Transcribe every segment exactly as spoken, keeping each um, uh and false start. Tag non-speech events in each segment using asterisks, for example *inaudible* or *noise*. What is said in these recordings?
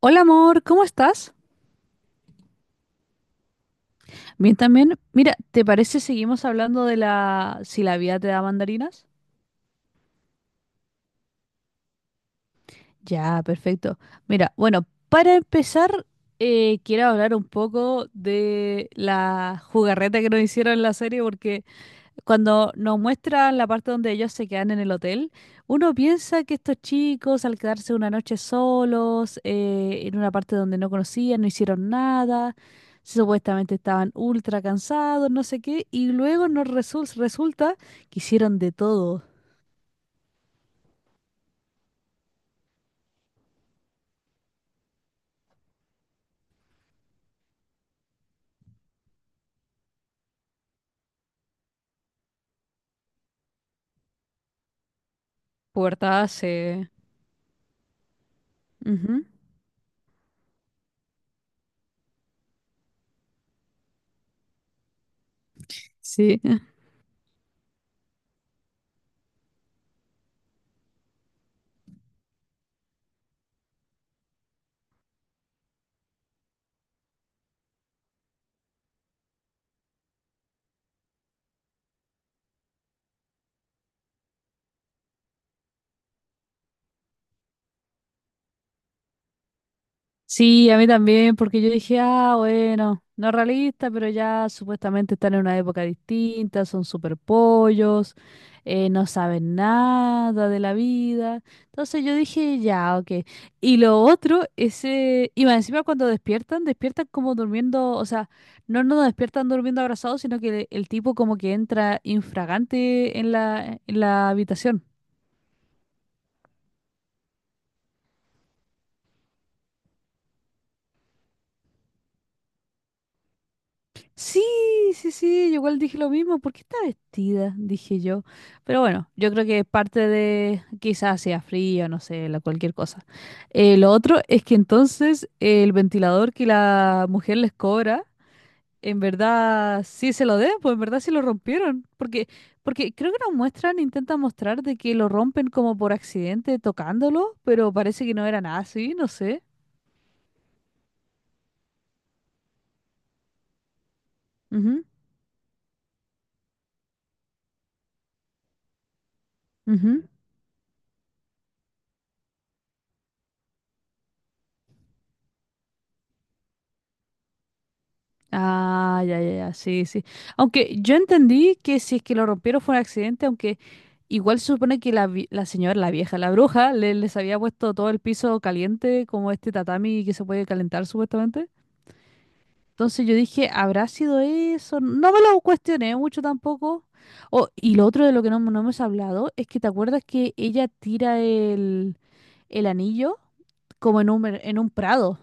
Hola amor, ¿cómo estás? Bien también. Mira, ¿te parece seguimos hablando de la si la vida te da mandarinas? Ya, perfecto. Mira, bueno, para empezar, eh, quiero hablar un poco de la jugarreta que nos hicieron en la serie porque cuando nos muestran la parte donde ellos se quedan en el hotel, uno piensa que estos chicos al quedarse una noche solos, eh, en una parte donde no conocían, no hicieron nada. Supuestamente estaban ultra cansados, no sé qué, y luego nos resul- resulta que hicieron de todo. Puertas, eh, ujú. Sí, *laughs* Sí, a mí también, porque yo dije, ah, bueno, no es realista, pero ya supuestamente están en una época distinta, son super pollos, eh, no saben nada de la vida. Entonces yo dije, ya, ok. Y lo otro es, eh, y más encima cuando despiertan, despiertan como durmiendo, o sea, no nos despiertan durmiendo abrazados, sino que el tipo como que entra infragante en la, en la habitación. Sí, sí, sí, yo igual dije lo mismo, ¿por qué está vestida? Dije yo. Pero bueno, yo creo que es parte de, quizás sea frío, no sé, la, cualquier cosa. Eh, lo otro es que entonces el ventilador que la mujer les cobra, en verdad sí se lo den, pues en verdad sí lo rompieron, porque, porque creo que nos muestran, intentan mostrar de que lo rompen como por accidente tocándolo, pero parece que no era nada así, no sé. Ujú, ujú. Ah, ya, ya, ya, sí, sí. Aunque yo entendí que si es que lo rompieron fue un accidente, aunque igual se supone que la, vi- la señora, la vieja, la bruja, le- les había puesto todo el piso caliente, como este tatami que se puede calentar supuestamente. Entonces yo dije, ¿habrá sido eso? No me lo cuestioné mucho tampoco. Oh, y lo otro de lo que no, no hemos hablado es que te acuerdas que ella tira el, el anillo como en un, mer- en un prado.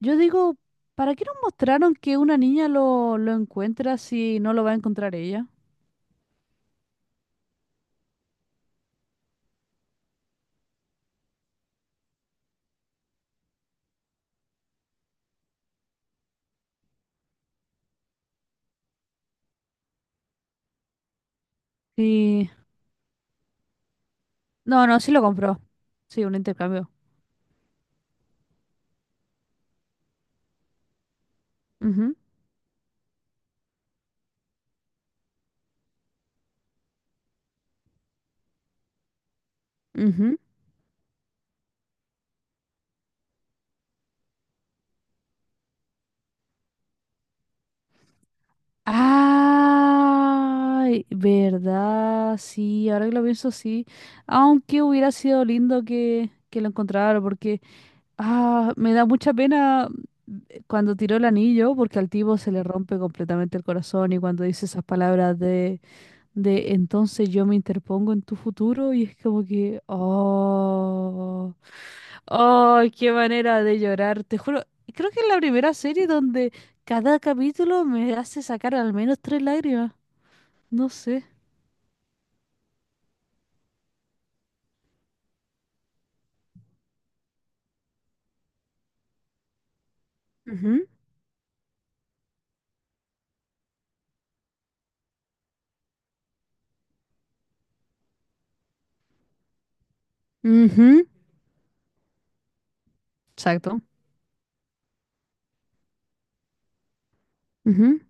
Yo digo, ¿para qué nos mostraron que una niña lo, lo encuentra si no lo va a encontrar ella? Sí. No, no, sí lo compró. Sí, un intercambio. Ujú, ujú. Ay, verdad, sí, ahora que lo pienso, sí. Aunque hubiera sido lindo que, que lo encontrara, porque ah, me da mucha pena eh, cuando tiró el anillo, porque al tipo se le rompe completamente el corazón y cuando dice esas palabras de, de entonces yo me interpongo en tu futuro y es como que, oh, oh, qué manera de llorar, te juro, creo que es la primera serie donde cada capítulo me hace sacar al menos tres lágrimas, no sé. Ujú, ujú, exacto. Ujú.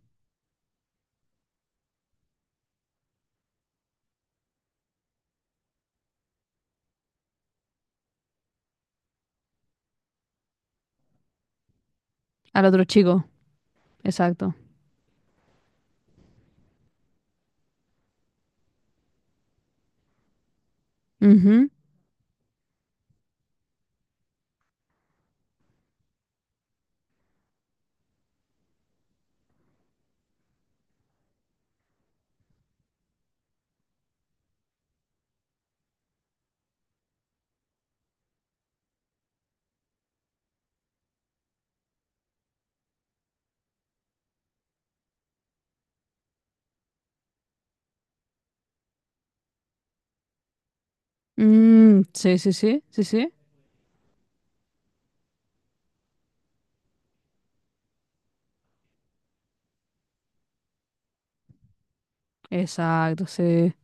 Al otro chico, exacto. Ujú. Mm, sí, sí, sí, sí, sí. Exacto, sí.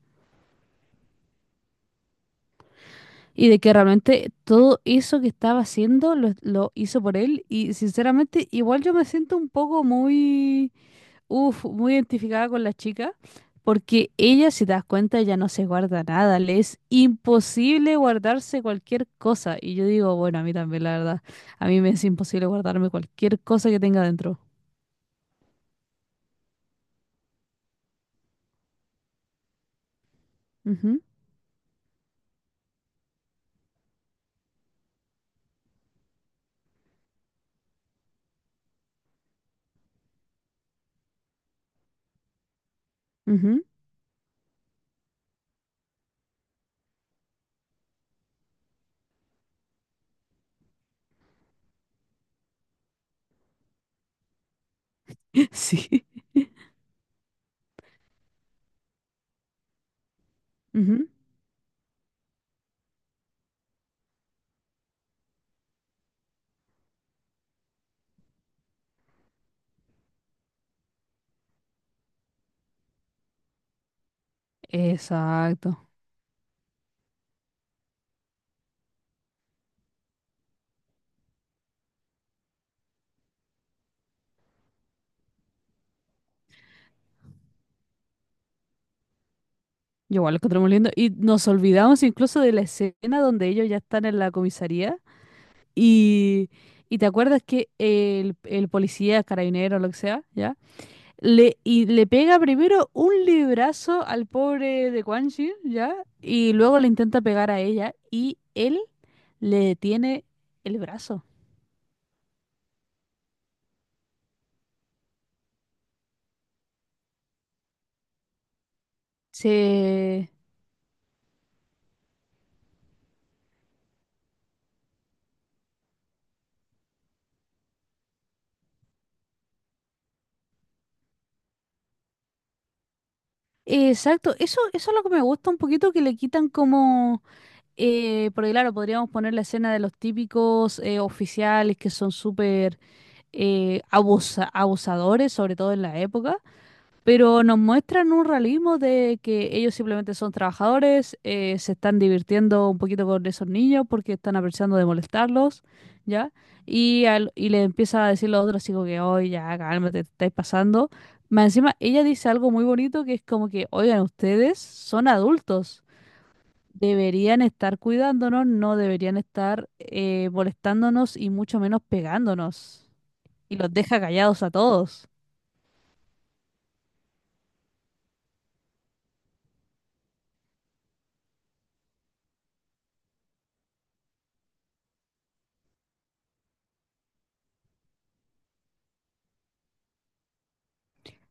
Y de que realmente todo eso que estaba haciendo lo, lo hizo por él y sinceramente igual yo me siento un poco muy, uf, muy identificada con la chica porque ella, si te das cuenta, ya no se guarda nada, le es imposible guardarse cualquier cosa y yo digo, bueno, a mí también la verdad, a mí me es imposible guardarme cualquier cosa que tenga dentro. Ujú, ujú. *laughs* Sí. Ujú. Exacto. Yo igual lo encontré muy lindo. Y nos olvidamos incluso de la escena donde ellos ya están en la comisaría. Y, y te acuerdas que el, el policía, carabinero, lo que sea, ¿ya? Le, y le pega primero un librazo al pobre de Quan Chi, ¿ya? Y luego le intenta pegar a ella. Y él le detiene el brazo. Se... Exacto. Eso, eso es lo que me gusta un poquito, que le quitan como, Eh, porque claro, podríamos poner la escena de los típicos eh, oficiales que son súper eh, abusa- abusadores, sobre todo en la época, pero nos muestran un realismo de que ellos simplemente son trabajadores, eh, se están divirtiendo un poquito con esos niños porque están aprovechando de molestarlos, ¿ya? Y, al- y le empieza a decir los otros así como que, oye, ya, cálmate, te estáis pasando. Más encima, ella dice algo muy bonito que es como que, oigan, ustedes son adultos. Deberían estar cuidándonos, no deberían estar eh, molestándonos y mucho menos pegándonos. Y los deja callados a todos.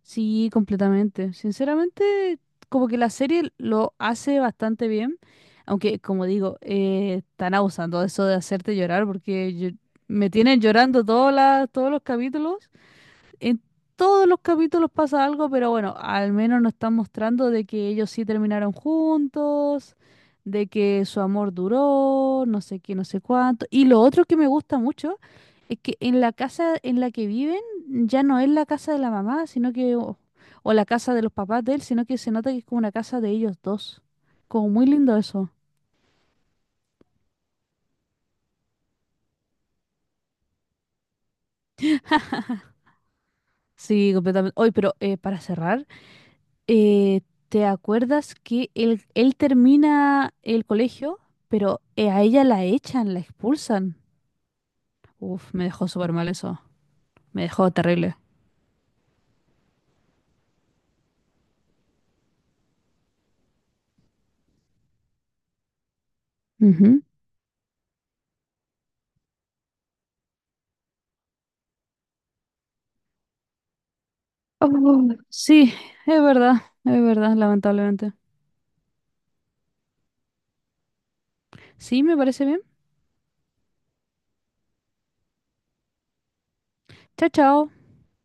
Sí, completamente. Sinceramente, como que la serie lo hace bastante bien, aunque como digo, eh, están abusando de eso de hacerte llorar porque yo- me tienen llorando todas las- todos los capítulos. En todos los capítulos pasa algo, pero bueno, al menos nos están mostrando de que ellos sí terminaron juntos, de que su amor duró, no sé qué, no sé cuánto. Y lo otro que me gusta mucho es que en la casa en la que viven ya no es la casa de la mamá, sino que, o, o la casa de los papás de él, sino que se nota que es como una casa de ellos dos. Como muy lindo eso. Sí, completamente. Hoy, pero eh, para cerrar. Eh, ¿Te acuerdas que él, él termina el colegio, pero eh, a ella la echan, la expulsan? Uf, me dejó súper mal eso. Me dejó terrible. Ujú. Oh, sí, es verdad, es verdad, lamentablemente. Sí, me parece bien. Chao, chao.